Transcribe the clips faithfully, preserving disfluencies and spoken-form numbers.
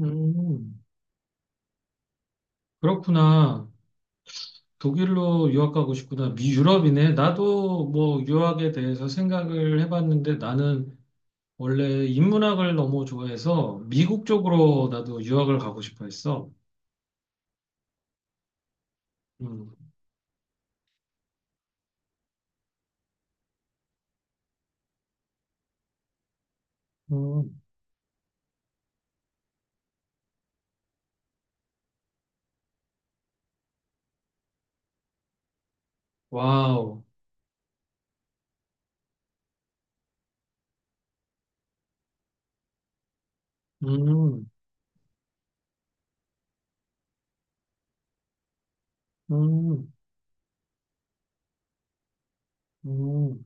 음, 그렇구나. 독일로 유학 가고 싶구나. 미 유럽이네. 나도 뭐 유학에 대해서 생각을 해봤는데 나는 원래 인문학을 너무 좋아해서 미국 쪽으로 나도 유학을 가고 싶어 했어. 음. 음. 와우. 음. 음. 음.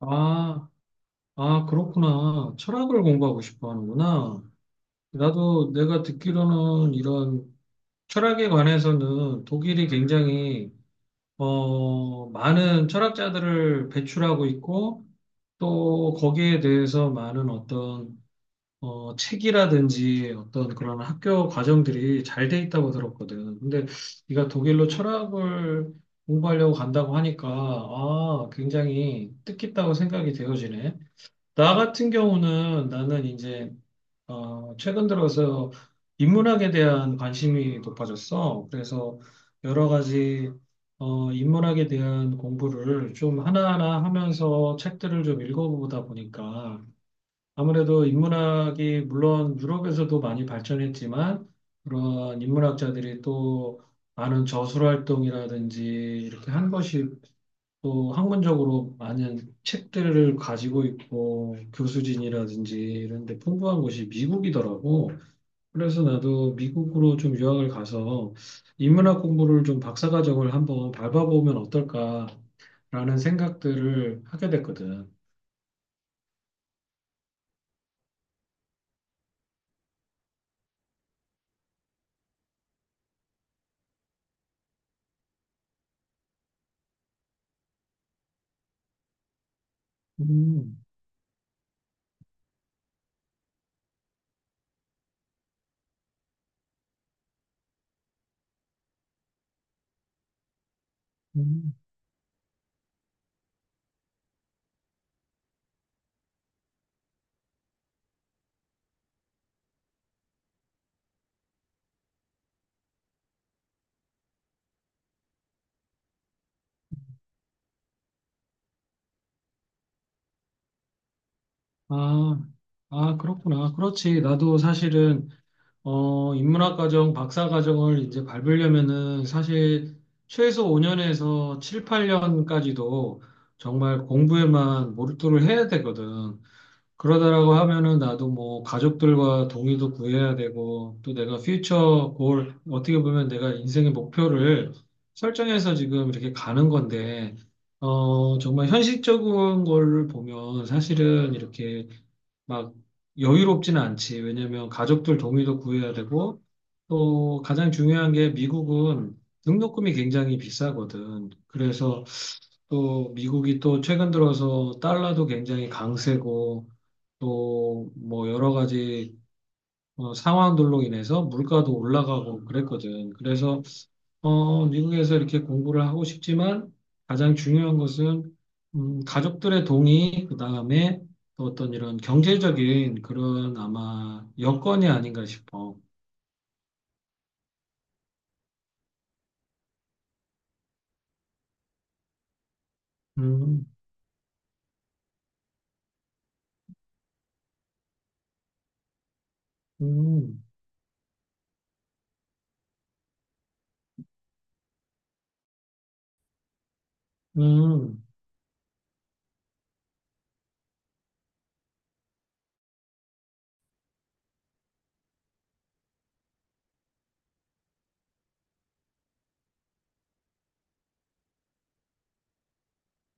아, 아, 그렇구나. 철학을 공부하고 싶어 하는구나. 나도 내가 듣기로는 이런 철학에 관해서는 독일이 굉장히 어, 많은 철학자들을 배출하고 있고 또 거기에 대해서 많은 어떤 어, 책이라든지 어떤 그런 학교 과정들이 잘 돼 있다고 들었거든. 근데 네가 독일로 철학을 공부하려고 간다고 하니까 아, 굉장히 뜻깊다고 생각이 되어지네. 나 같은 경우는 나는 이제 어, 최근 들어서 인문학에 대한 관심이 높아졌어. 그래서 여러 가지 어, 인문학에 대한 공부를 좀 하나하나 하면서 책들을 좀 읽어보다 보니까 아무래도 인문학이 물론 유럽에서도 많이 발전했지만 그런 인문학자들이 또 많은 저술 활동이라든지 이렇게 한 것이 또 학문적으로 많은 책들을 가지고 있고 교수진이라든지 이런 데 풍부한 곳이 미국이더라고. 그래서 나도 미국으로 좀 유학을 가서 인문학 공부를 좀 박사과정을 한번 밟아보면 어떨까라는 생각들을 하게 됐거든. 음. 음. 아, 아, 그렇구나. 그렇지. 나도 사실은 어, 인문학 과정, 박사 과정을 이제 밟으려면은 사실 최소 오 년에서 칠, 팔 년까지도 정말 공부에만 몰두를 해야 되거든. 그러다라고 하면은 나도 뭐 가족들과 동의도 구해야 되고 또 내가 퓨처 골, 어떻게 보면 내가 인생의 목표를 설정해서 지금 이렇게 가는 건데, 어, 정말 현실적인 걸 보면 사실은 이렇게 막 여유롭지는 않지. 왜냐면 가족들 동의도 구해야 되고 또 가장 중요한 게 미국은 등록금이 굉장히 비싸거든. 그래서 또 미국이 또 최근 들어서 달러도 굉장히 강세고 또 뭐 여러 가지 어, 상황들로 인해서 물가도 올라가고 그랬거든. 그래서 어, 미국에서 이렇게 공부를 하고 싶지만 가장 중요한 것은 음, 가족들의 동의, 그 다음에 또 어떤 이런 경제적인 그런 아마 여건이 아닌가 싶어. 음. 음. 음.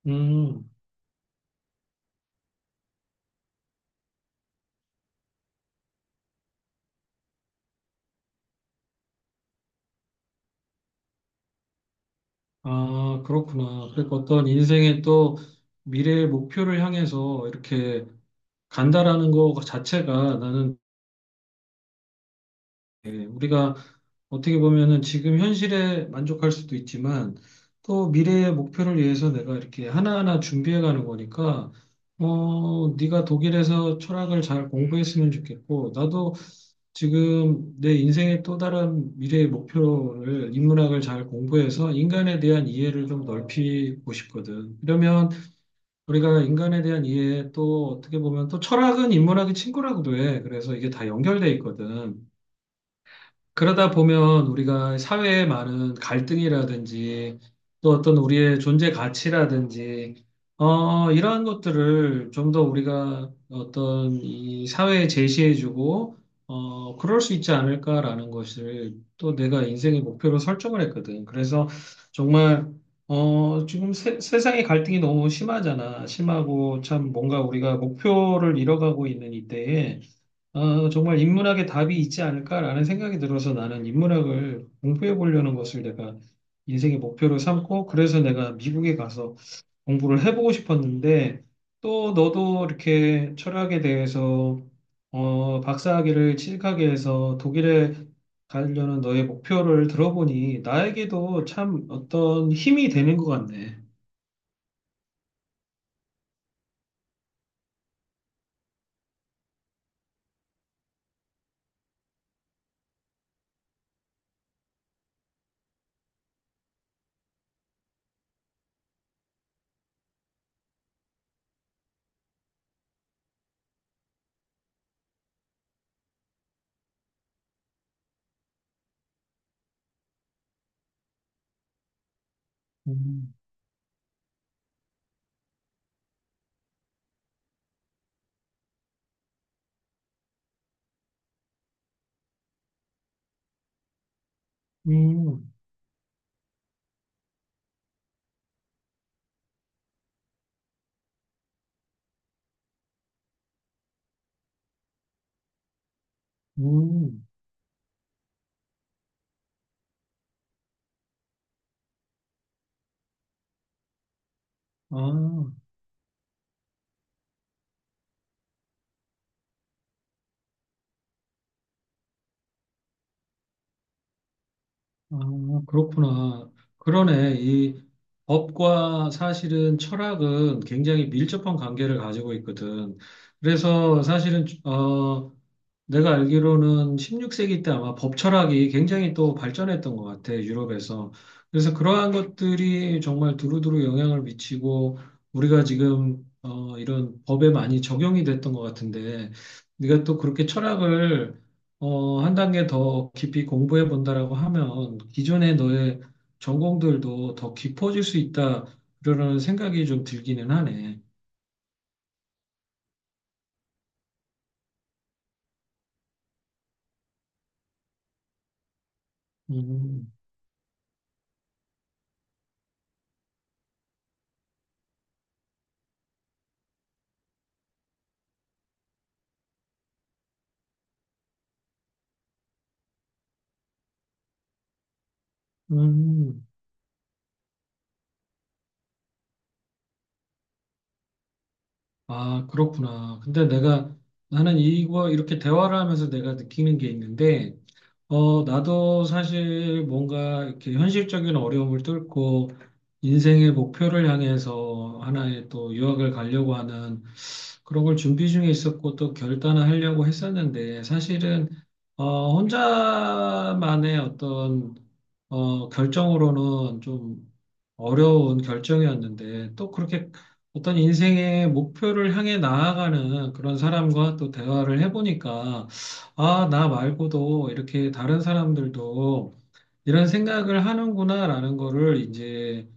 음. 아, 그렇구나. 그러니까 어떤 인생의 또 미래의 목표를 향해서 이렇게 간다라는 것 자체가 나는 예, 우리가 어떻게 보면은 지금 현실에 만족할 수도 있지만 또 미래의 목표를 위해서 내가 이렇게 하나하나 준비해가는 거니까 어, 네가 독일에서 철학을 잘 공부했으면 좋겠고 나도 지금 내 인생의 또 다른 미래의 목표를 인문학을 잘 공부해서 인간에 대한 이해를 좀 넓히고 싶거든. 그러면 우리가 인간에 대한 이해 또 어떻게 보면 또 철학은 인문학의 친구라고도 해. 그래서 이게 다 연결돼 있거든. 그러다 보면 우리가 사회에 많은 갈등이라든지 또 어떤 우리의 존재 가치라든지 어, 이러한 것들을 좀 더 우리가 어떤 이 사회에 제시해주고 어, 그럴 수 있지 않을까라는 것을 또 내가 인생의 목표로 설정을 했거든. 그래서 정말 어, 지금 세, 세상의 갈등이 너무 심하잖아. 심하고 참 뭔가 우리가 목표를 잃어가고 있는 이때에 아, 정말 인문학에 답이 있지 않을까라는 생각이 들어서 나는 인문학을 공부해 보려는 것을 내가 인생의 목표로 삼고 그래서 내가 미국에 가서 공부를 해보고 싶었는데 또 너도 이렇게 철학에 대해서 어, 박사학위를 취득하게 해서 독일에 가려는 너의 목표를 들어보니 나에게도 참 어떤 힘이 되는 것 같네. 음. 음. 음. 아. 아, 그렇구나. 그러네. 이 법과 사실은 철학은 굉장히 밀접한 관계를 가지고 있거든. 그래서 사실은, 어, 내가 알기로는 십육 세기 때 아마 법철학이 굉장히 또 발전했던 것 같아, 유럽에서. 그래서 그러한 것들이 정말 두루두루 영향을 미치고 우리가 지금 어, 이런 법에 많이 적용이 됐던 것 같은데, 네가 또 그렇게 철학을 어, 한 단계 더 깊이 공부해 본다라고 하면 기존의 너의 전공들도 더 깊어질 수 있다, 그러는 생각이 좀 들기는 하네. 음. 음. 아, 그렇구나. 근데 내가, 나는 이거, 이렇게 대화를 하면서 내가 느끼는 게 있는데, 어, 나도 사실 뭔가 이렇게 현실적인 어려움을 뚫고 인생의 목표를 향해서 하나의 또 유학을 가려고 하는 그런 걸 준비 중에 있었고 또 결단을 하려고 했었는데, 사실은, 어, 혼자만의 어떤, 어, 결정으로는 좀 어려운 결정이었는데 또 그렇게 어떤 인생의 목표를 향해 나아가는 그런 사람과 또 대화를 해보니까 아, 나 말고도 이렇게 다른 사람들도 이런 생각을 하는구나라는 거를 이제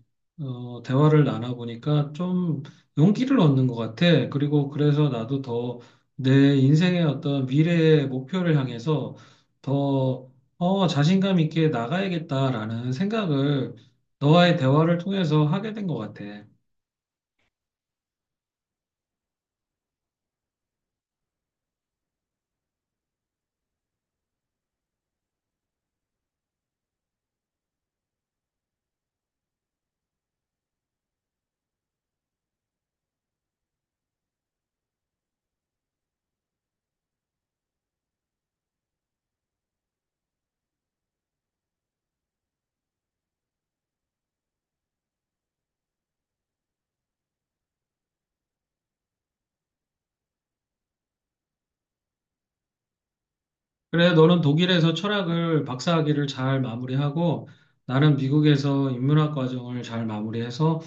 어, 대화를 나눠보니까 좀 용기를 얻는 것 같아. 그리고 그래서 나도 더 내 인생의 어떤 미래의 목표를 향해서 더 어, 자신감 있게 나가야겠다라는 생각을 너와의 대화를 통해서 하게 된 것 같아. 그래, 너는 독일에서 철학을 박사학위를 잘 마무리하고 나는 미국에서 인문학 과정을 잘 마무리해서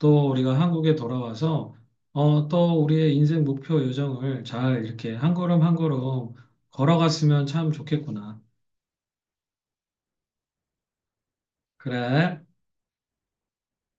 또 우리가 한국에 돌아와서 어, 또 우리의 인생 목표 요정을 잘 이렇게 한 걸음 한 걸음 걸어갔으면 참 좋겠구나. 그래.